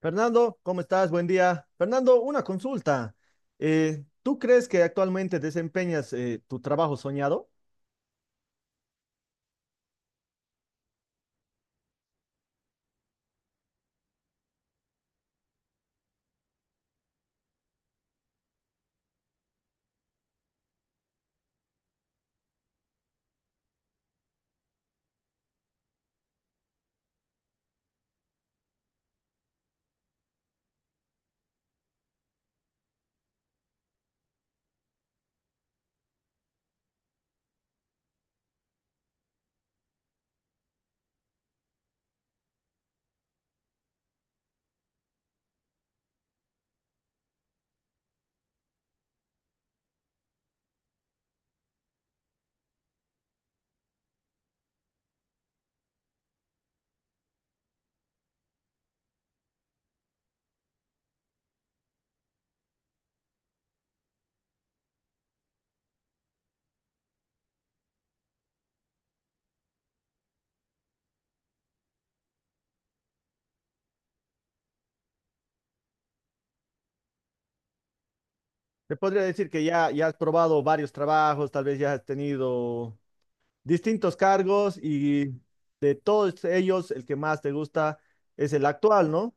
Fernando, ¿cómo estás? Buen día. Fernando, una consulta. ¿Tú crees que actualmente desempeñas tu trabajo soñado? Te podría decir que ya has probado varios trabajos, tal vez ya has tenido distintos cargos y de todos ellos el que más te gusta es el actual, ¿no?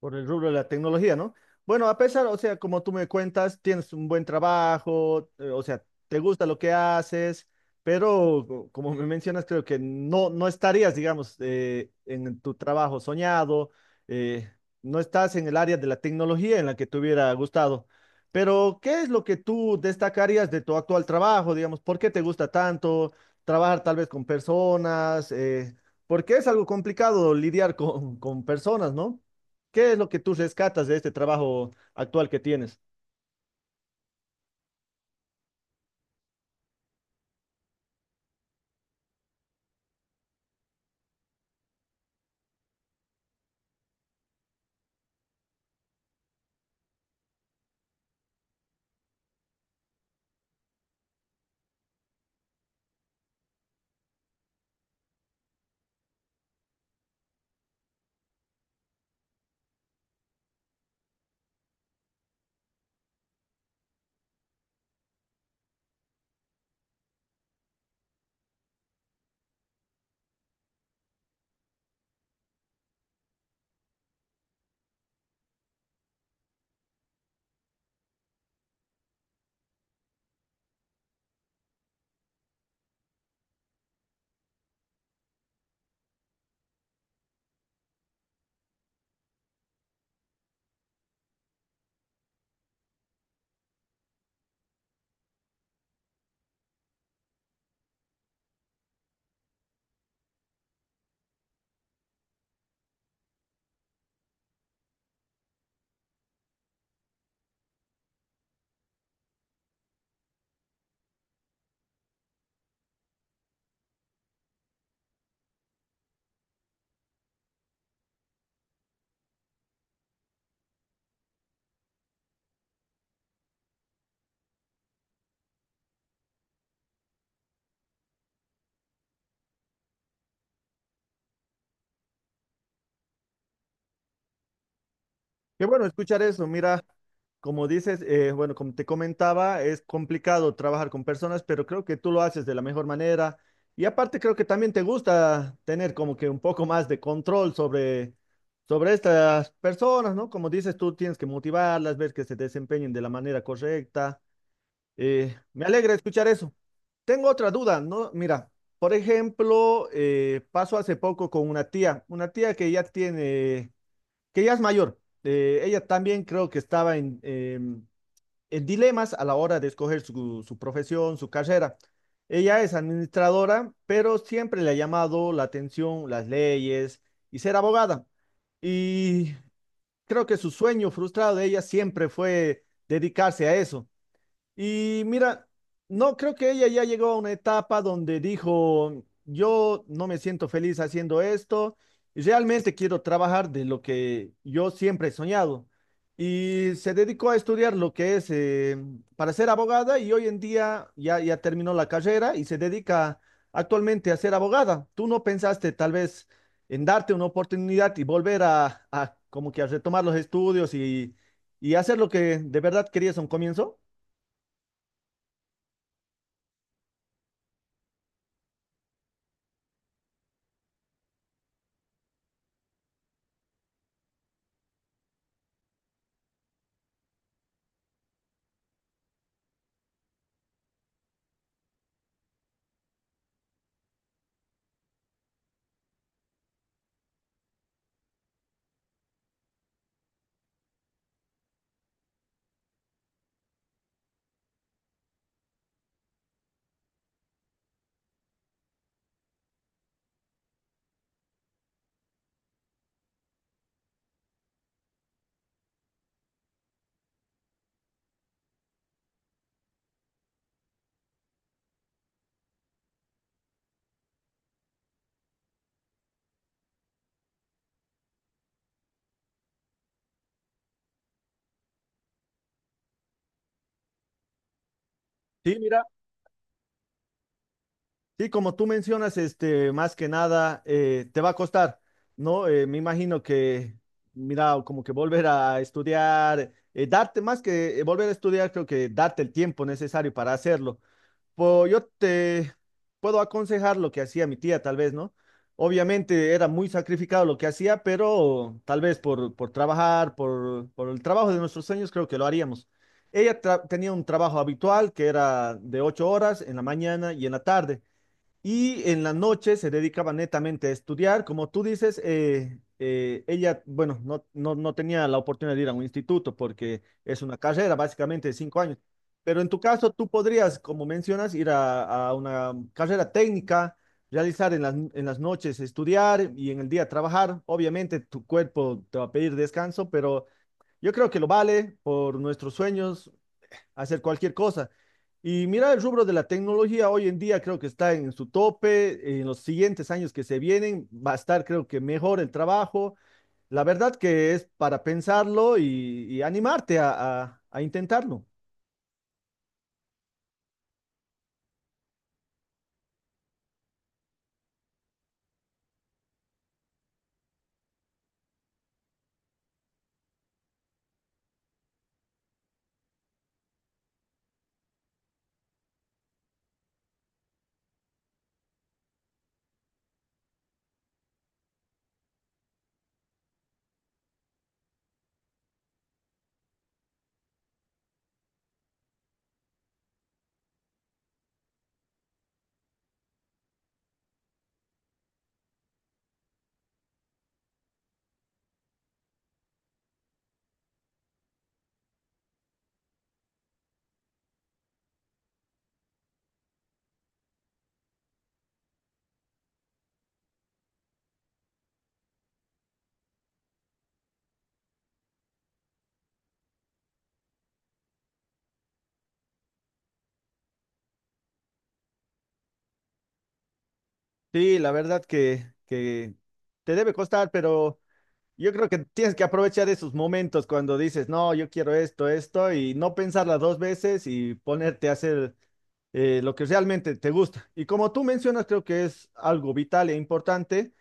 Por el rubro de la tecnología, ¿no? Bueno, a pesar, o sea, como tú me cuentas, tienes un buen trabajo, o sea, te gusta lo que haces, pero como me mencionas, creo que no estarías, digamos, en tu trabajo soñado, eh, no estás en el área de la tecnología en la que te hubiera gustado. Pero, ¿qué es lo que tú destacarías de tu actual trabajo, digamos? ¿Por qué te gusta tanto trabajar tal vez con personas? Porque es algo complicado lidiar con personas, ¿no? ¿Qué es lo que tú rescatas de este trabajo actual que tienes? Qué bueno escuchar eso. Mira, como dices, bueno, como te comentaba, es complicado trabajar con personas, pero creo que tú lo haces de la mejor manera. Y aparte creo que también te gusta tener como que un poco más de control sobre, sobre estas personas, ¿no? Como dices, tú tienes que motivarlas, ver que se desempeñen de la manera correcta. Me alegra escuchar eso. Tengo otra duda, ¿no? Mira, por ejemplo, pasó hace poco con una tía que ya tiene, que ya es mayor. Ella también creo que estaba en, en dilemas a la hora de escoger su, su profesión, su carrera. Ella es administradora, pero siempre le ha llamado la atención las leyes y ser abogada. Y creo que su sueño frustrado de ella siempre fue dedicarse a eso. Y mira, no creo que ella ya llegó a una etapa donde dijo, yo no me siento feliz haciendo esto, y realmente quiero trabajar de lo que yo siempre he soñado. Y se dedicó a estudiar lo que es para ser abogada y hoy en día ya terminó la carrera y se dedica actualmente a ser abogada. ¿Tú no pensaste tal vez en darte una oportunidad y volver a como que a retomar los estudios y hacer lo que de verdad querías a un comienzo? Sí, mira. Sí, como tú mencionas, este, más que nada, te va a costar, ¿no? Me imagino que, mira, como que volver a estudiar, darte más que volver a estudiar, creo que darte el tiempo necesario para hacerlo. Pues yo te puedo aconsejar lo que hacía mi tía, tal vez, ¿no? Obviamente era muy sacrificado lo que hacía, pero tal vez por trabajar, por el trabajo de nuestros sueños, creo que lo haríamos. Ella tenía un trabajo habitual que era de 8 horas en la mañana y en la tarde. Y en la noche se dedicaba netamente a estudiar. Como tú dices, ella, bueno, no tenía la oportunidad de ir a un instituto porque es una carrera básicamente de 5 años. Pero en tu caso, tú podrías, como mencionas, ir a una carrera técnica, realizar en las noches estudiar y en el día trabajar. Obviamente tu cuerpo te va a pedir descanso, pero yo creo que lo vale por nuestros sueños, hacer cualquier cosa. Y mira, el rubro de la tecnología hoy en día creo que está en su tope. En los siguientes años que se vienen va a estar, creo que, mejor el trabajo. La verdad que es para pensarlo y animarte a, a intentarlo. Sí, la verdad que te debe costar, pero yo creo que tienes que aprovechar esos momentos cuando dices, no, yo quiero esto, esto, y no pensarla 2 veces y ponerte a hacer lo que realmente te gusta. Y como tú mencionas, creo que es algo vital e importante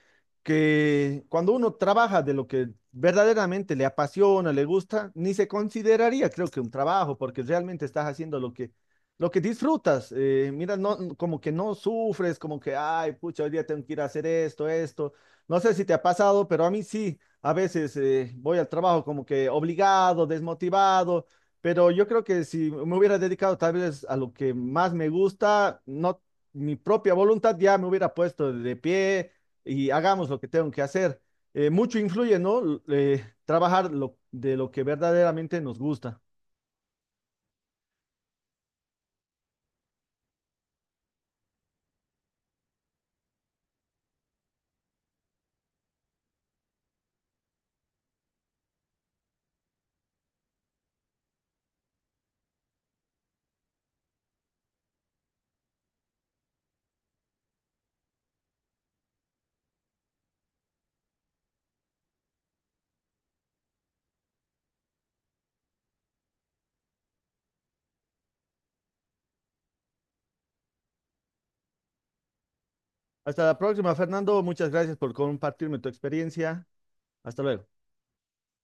que cuando uno trabaja de lo que verdaderamente le apasiona, le gusta, ni se consideraría, creo que un trabajo, porque realmente estás haciendo lo que disfrutas. Mira, no, como que no sufres, como que, ay, pucha, hoy día tengo que ir a hacer esto, esto. No sé si te ha pasado, pero a mí sí. A veces voy al trabajo como que obligado, desmotivado pero yo creo que si me hubiera dedicado tal vez a lo que más me gusta, no mi propia voluntad ya me hubiera puesto de pie y hagamos lo que tengo que hacer. Mucho influye, ¿no? Trabajar lo, de lo que verdaderamente nos gusta. Hasta la próxima, Fernando. Muchas gracias por compartirme tu experiencia. Hasta luego.